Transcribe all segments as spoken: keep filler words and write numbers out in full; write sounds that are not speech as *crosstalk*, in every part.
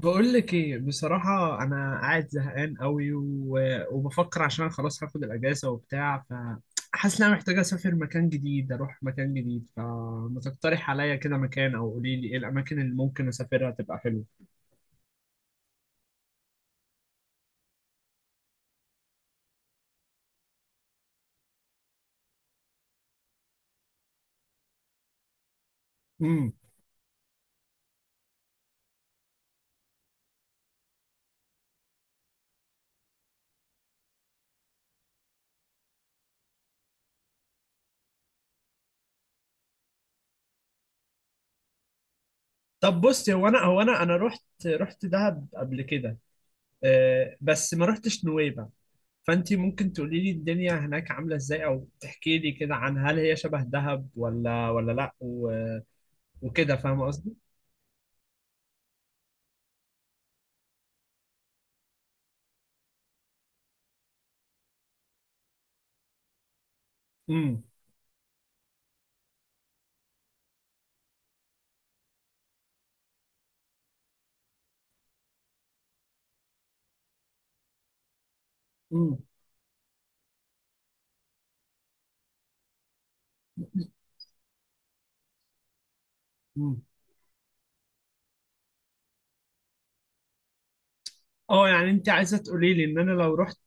بقول لك ايه؟ بصراحة انا قاعد زهقان قوي و... وبفكر عشان انا خلاص هاخد الاجازة وبتاع، فحاسس ان انا محتاج اسافر مكان جديد، اروح مكان جديد، فما تقترح عليا كده مكان او قولي لي ايه الاماكن اللي ممكن اسافرها تبقى حلوة. امم طب بصي، هو انا هو انا انا رحت رحت دهب قبل كده، أه، بس ما رحتش نويبع. فانتي ممكن تقولي لي الدنيا هناك عاملة ازاي او تحكي لي كده عن هل هي شبه دهب ولا ولا لا، و... وكده، فاهمة قصدي. امم مم. اه، يعني انت عايزه تقولي لي ان انا لو رحت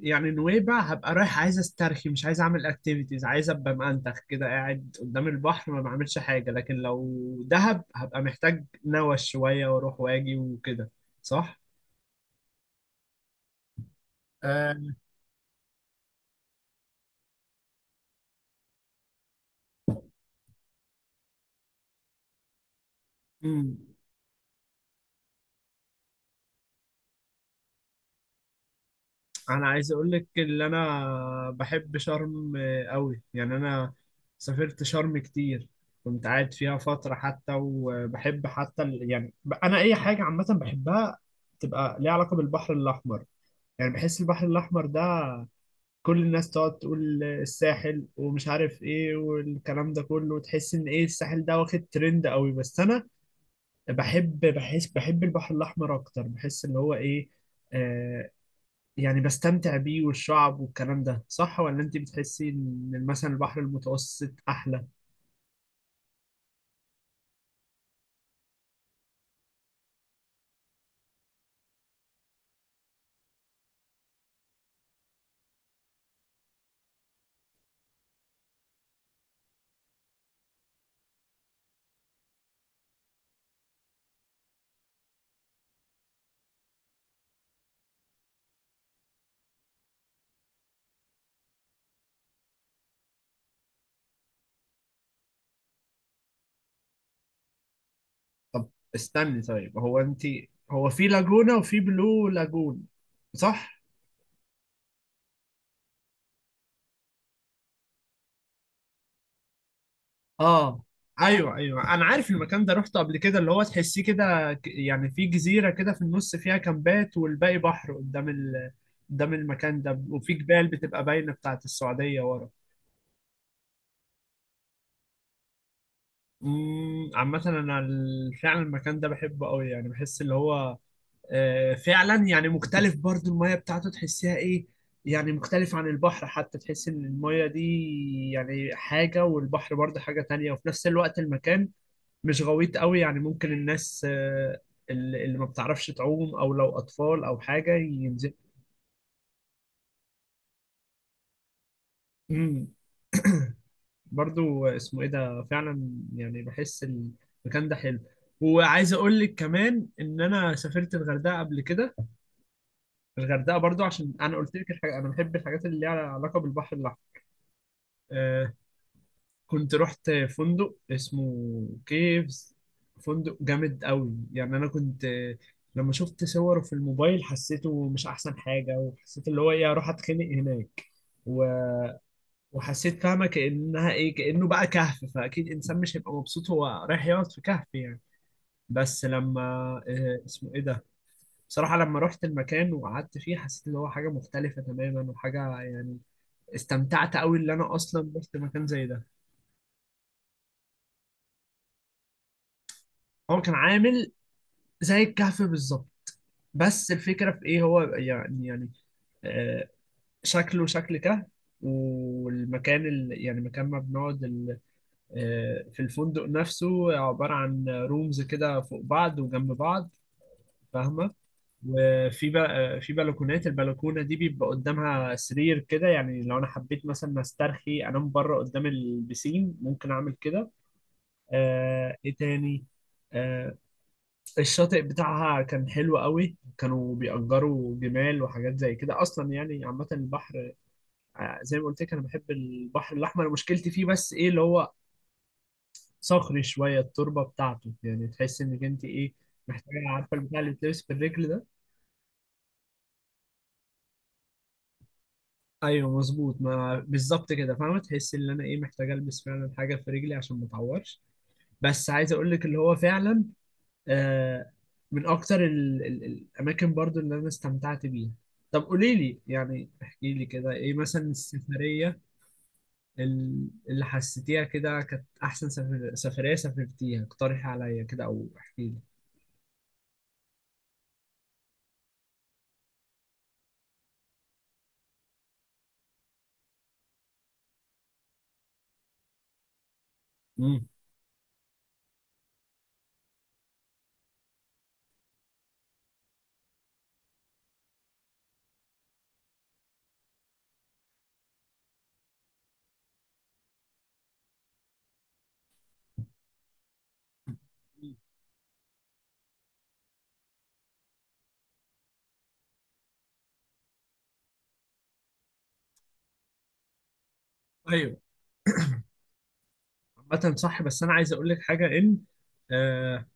يعني نويبع هبقى رايح، عايز استرخي، مش عايز اعمل اكتيفيتيز، عايز ابقى مأنتخ كده قاعد قدام البحر ما بعملش حاجه، لكن لو دهب هبقى محتاج نوش شويه واروح واجي وكده. صح؟ آه. امم انا عايز اقول لك ان انا بحب شرم قوي، يعني انا سافرت شرم كتير، كنت قاعد فيها فترة حتى. وبحب حتى ال... يعني ب- انا اي حاجة عامة بحبها تبقى ليها علاقة بالبحر الاحمر. يعني بحس البحر الاحمر ده، كل الناس تقعد تقول الساحل ومش عارف ايه والكلام ده كله، تحس ان ايه، الساحل ده واخد ترند قوي، بس انا بحب بحس بحب البحر الاحمر اكتر، بحس اللي هو ايه، آه، يعني بستمتع بيه والشعب والكلام ده. صح ولا انت بتحسي ان مثلا البحر المتوسط احلى؟ طب استني، طيب هو انت، هو في لاجونا وفي بلو لاجون، صح؟ اه، ايوه ايوه، انا عارف المكان ده، رحته قبل كده، اللي هو تحسيه كده، ك- يعني في جزيرة كده في النص، فيها كامبات والباقي بحر قدام ال... قدام المكان ده، وفي جبال بتبقى باينة بتاعت السعودية ورا. امم عامة انا ال- فعلا المكان ده بحبه قوي، يعني بحس اللي هو آه، فعلا يعني مختلف برضو، المية بتاعته تحسها ايه، يعني مختلف عن البحر حتى، تحس ان المية دي يعني حاجة والبحر برضه حاجة تانية، وفي نفس الوقت المكان مش غويط قوي، يعني ممكن الناس آه، اللي اللي ما بتعرفش تعوم او لو اطفال او حاجة ينزل. امم برضو اسمه ايه ده فعلا، يعني بحس المكان ده حلو. وعايز اقول لك كمان ان انا سافرت الغردقة قبل كده، الغردقه برضو عشان انا قلت لك الحاجة، انا بحب الحاجات اللي ليها علاقه بالبحر. آه، كنت رحت فندق اسمه كيفز، فندق جامد قوي، يعني انا كنت آه، لما شفت صوره في الموبايل حسيته مش احسن حاجه، وحسيت اللي هو ايه، اروح اتخنق هناك، و- وحسيت فاهمه كانها ايه، كانه بقى كهف، فاكيد انسان مش هيبقى مبسوط هو رايح يقعد في كهف يعني. بس لما آه، اسمه ايه ده، بصراحه لما رحت المكان وقعدت فيه حسيت اللي هو حاجه مختلفه تماما، وحاجه يعني استمتعت قوي، اللي انا اصلا رحت مكان زي ده. هو كان عامل زي الكهف بالظبط، بس الفكرة في ايه، هو يعني يعني آه، شكله شكل كهف، والمكان ال... يعني مكان ما بنقعد ال... آه، في الفندق نفسه عبارة عن رومز كده فوق بعض وجنب بعض، فاهمة؟ وفي بقى في بلكونات، البلكونة دي بيبقى قدامها سرير كده، يعني لو انا حبيت مثلا استرخي انام بره قدام البسين ممكن اعمل كده. آه، ايه تاني، آه، الشاطئ بتاعها كان حلو قوي، كانوا بيأجروا جمال وحاجات زي كده. اصلا يعني عامة البحر آه، زي ما قلت لك، انا بحب البحر الاحمر، مشكلتي فيه بس ايه اللي هو صخري شوية، التربة بتاعته يعني تحس انك انت ايه، محتاجة، عارفة البتاع اللي بتلبس في الرجل ده. ايوه مظبوط، ما بالظبط كده، فاهمة، تحس ان انا ايه، محتاجة البس فعلا حاجة في رجلي عشان ما اتعورش. بس عايز اقول لك اللي هو فعلا آه، من اكتر ال- ال- الاماكن برضو اللي انا استمتعت بيها. طب قولي لي يعني، احكي لي كده، ايه مثلا السفرية ال- اللي حسيتيها كده كانت احسن سفر... سفرية سافرتيها؟ اقترحي عليا كده او احكي لي. امم ايوه، عامة صح، بس انا عايز اقول لك حاجة ان آه،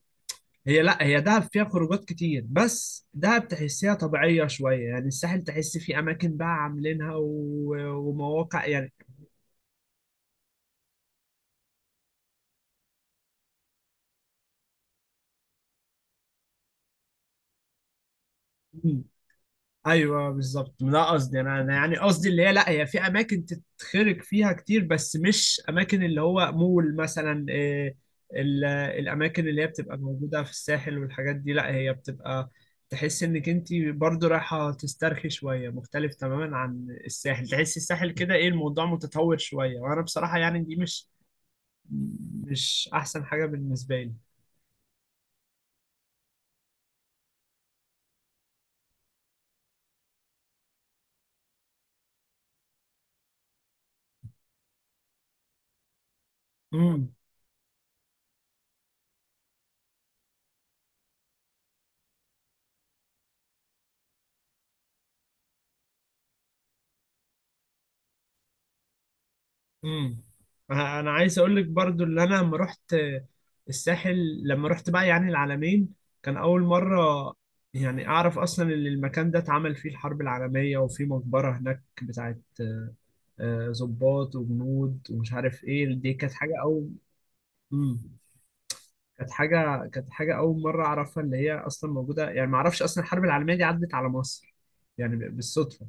هي لا هي دهب فيها خروجات كتير، بس دهب تحسيها طبيعية شوية. يعني الساحل تحس فيه اماكن بقى عاملينها و... ومواقع يعني. ايوه بالظبط، ده قصدي، انا انا يعني قصدي اللي هي، لا هي في اماكن تتخرج فيها كتير، بس مش اماكن اللي هو مول مثلا إيه، ال- الاماكن اللي هي بتبقى موجوده في الساحل والحاجات دي، لا هي بتبقى تحس انك انت برضو رايحه تسترخي شويه، مختلف تماما عن الساحل. تحس الساحل كده ايه، الموضوع متطور شويه، وانا بصراحه يعني دي مش مش احسن حاجه بالنسبه لي. امم انا أنا عايز اقول لك برضو اللي انا لما رحت الساحل، لما رحت بقى يعني العلمين، كان اول مره يعني اعرف اصلا ان المكان ده اتعمل فيه الحرب العالميه، وفي مقبره هناك بتاعت آه، آه، ضباط وجنود ومش عارف ايه. دي كانت حاجه اول، امم كانت حاجه، كانت حاجه اول مره اعرفها اللي هي اصلا موجوده، يعني ما اعرفش اصلا الحرب العالميه دي عدت على مصر، يعني بالصدفه.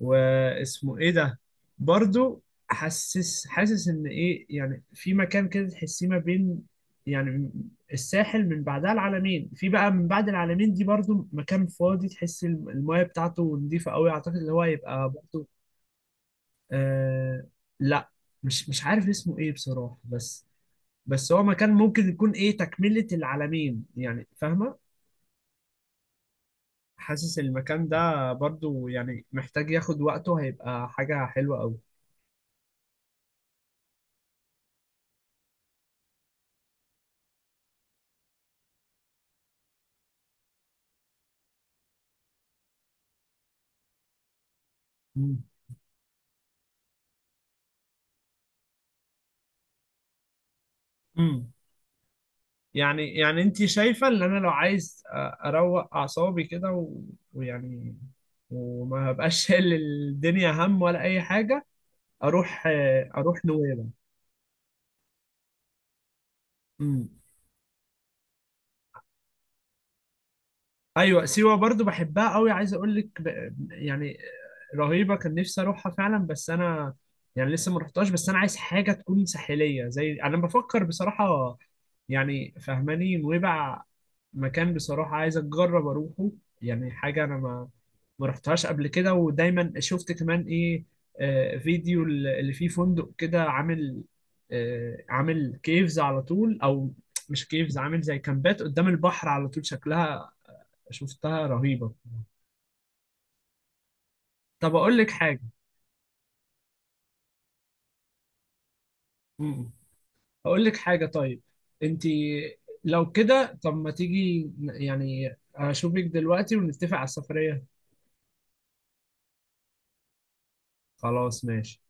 واسمه ايه ده برضو، حاسس، حاسس ان ايه، يعني في مكان كده تحسيه ما بين يعني الساحل، من بعدها العلمين، في بقى من بعد العلمين دي برضو مكان فاضي تحس الم- المايه بتاعته نضيفة قوي، اعتقد اللي هو هيبقى برضو آه، لا مش، مش عارف اسمه ايه بصراحة، بس بس هو مكان ممكن يكون ايه، تكملة العلمين يعني، فاهمة؟ حاسس المكان ده برضو يعني محتاج ياخد وقته، هيبقى حاجة حلوة قوي. مم. يعني يعني انت شايفة ان انا لو عايز أ- اروق اعصابي كده و... ويعني وما بقاش *laughs* شايل الدنيا هم ولا اي حاجة، اروح، اروح نويبع. امم ايوه، سيوة برضو بحبها قوي، عايز اقول لك ب... يعني رهيبة، كان نفسي اروحها فعلا، بس انا يعني لسه ما رحتهاش. بس انا عايز حاجة تكون ساحلية زي، انا بفكر بصراحة، يعني فهماني، نويبع مكان بصراحة عايز أجرب أروحه، يعني حاجة أنا ما ما رحتهاش قبل كده، ودايما شفت كمان ايه، آه، فيديو اللي فيه فندق كده عامل آه، عامل كيفز على طول، او مش كيفز، عامل زي كامبات قدام البحر على طول شكلها، شفتها رهيبة. طب اقول لك حاجة، مم. اقول لك حاجة طيب، انت لو كده، طب ما تيجي يعني اشوفك دلوقتي ونتفق على السفرية؟ خلاص ماشي.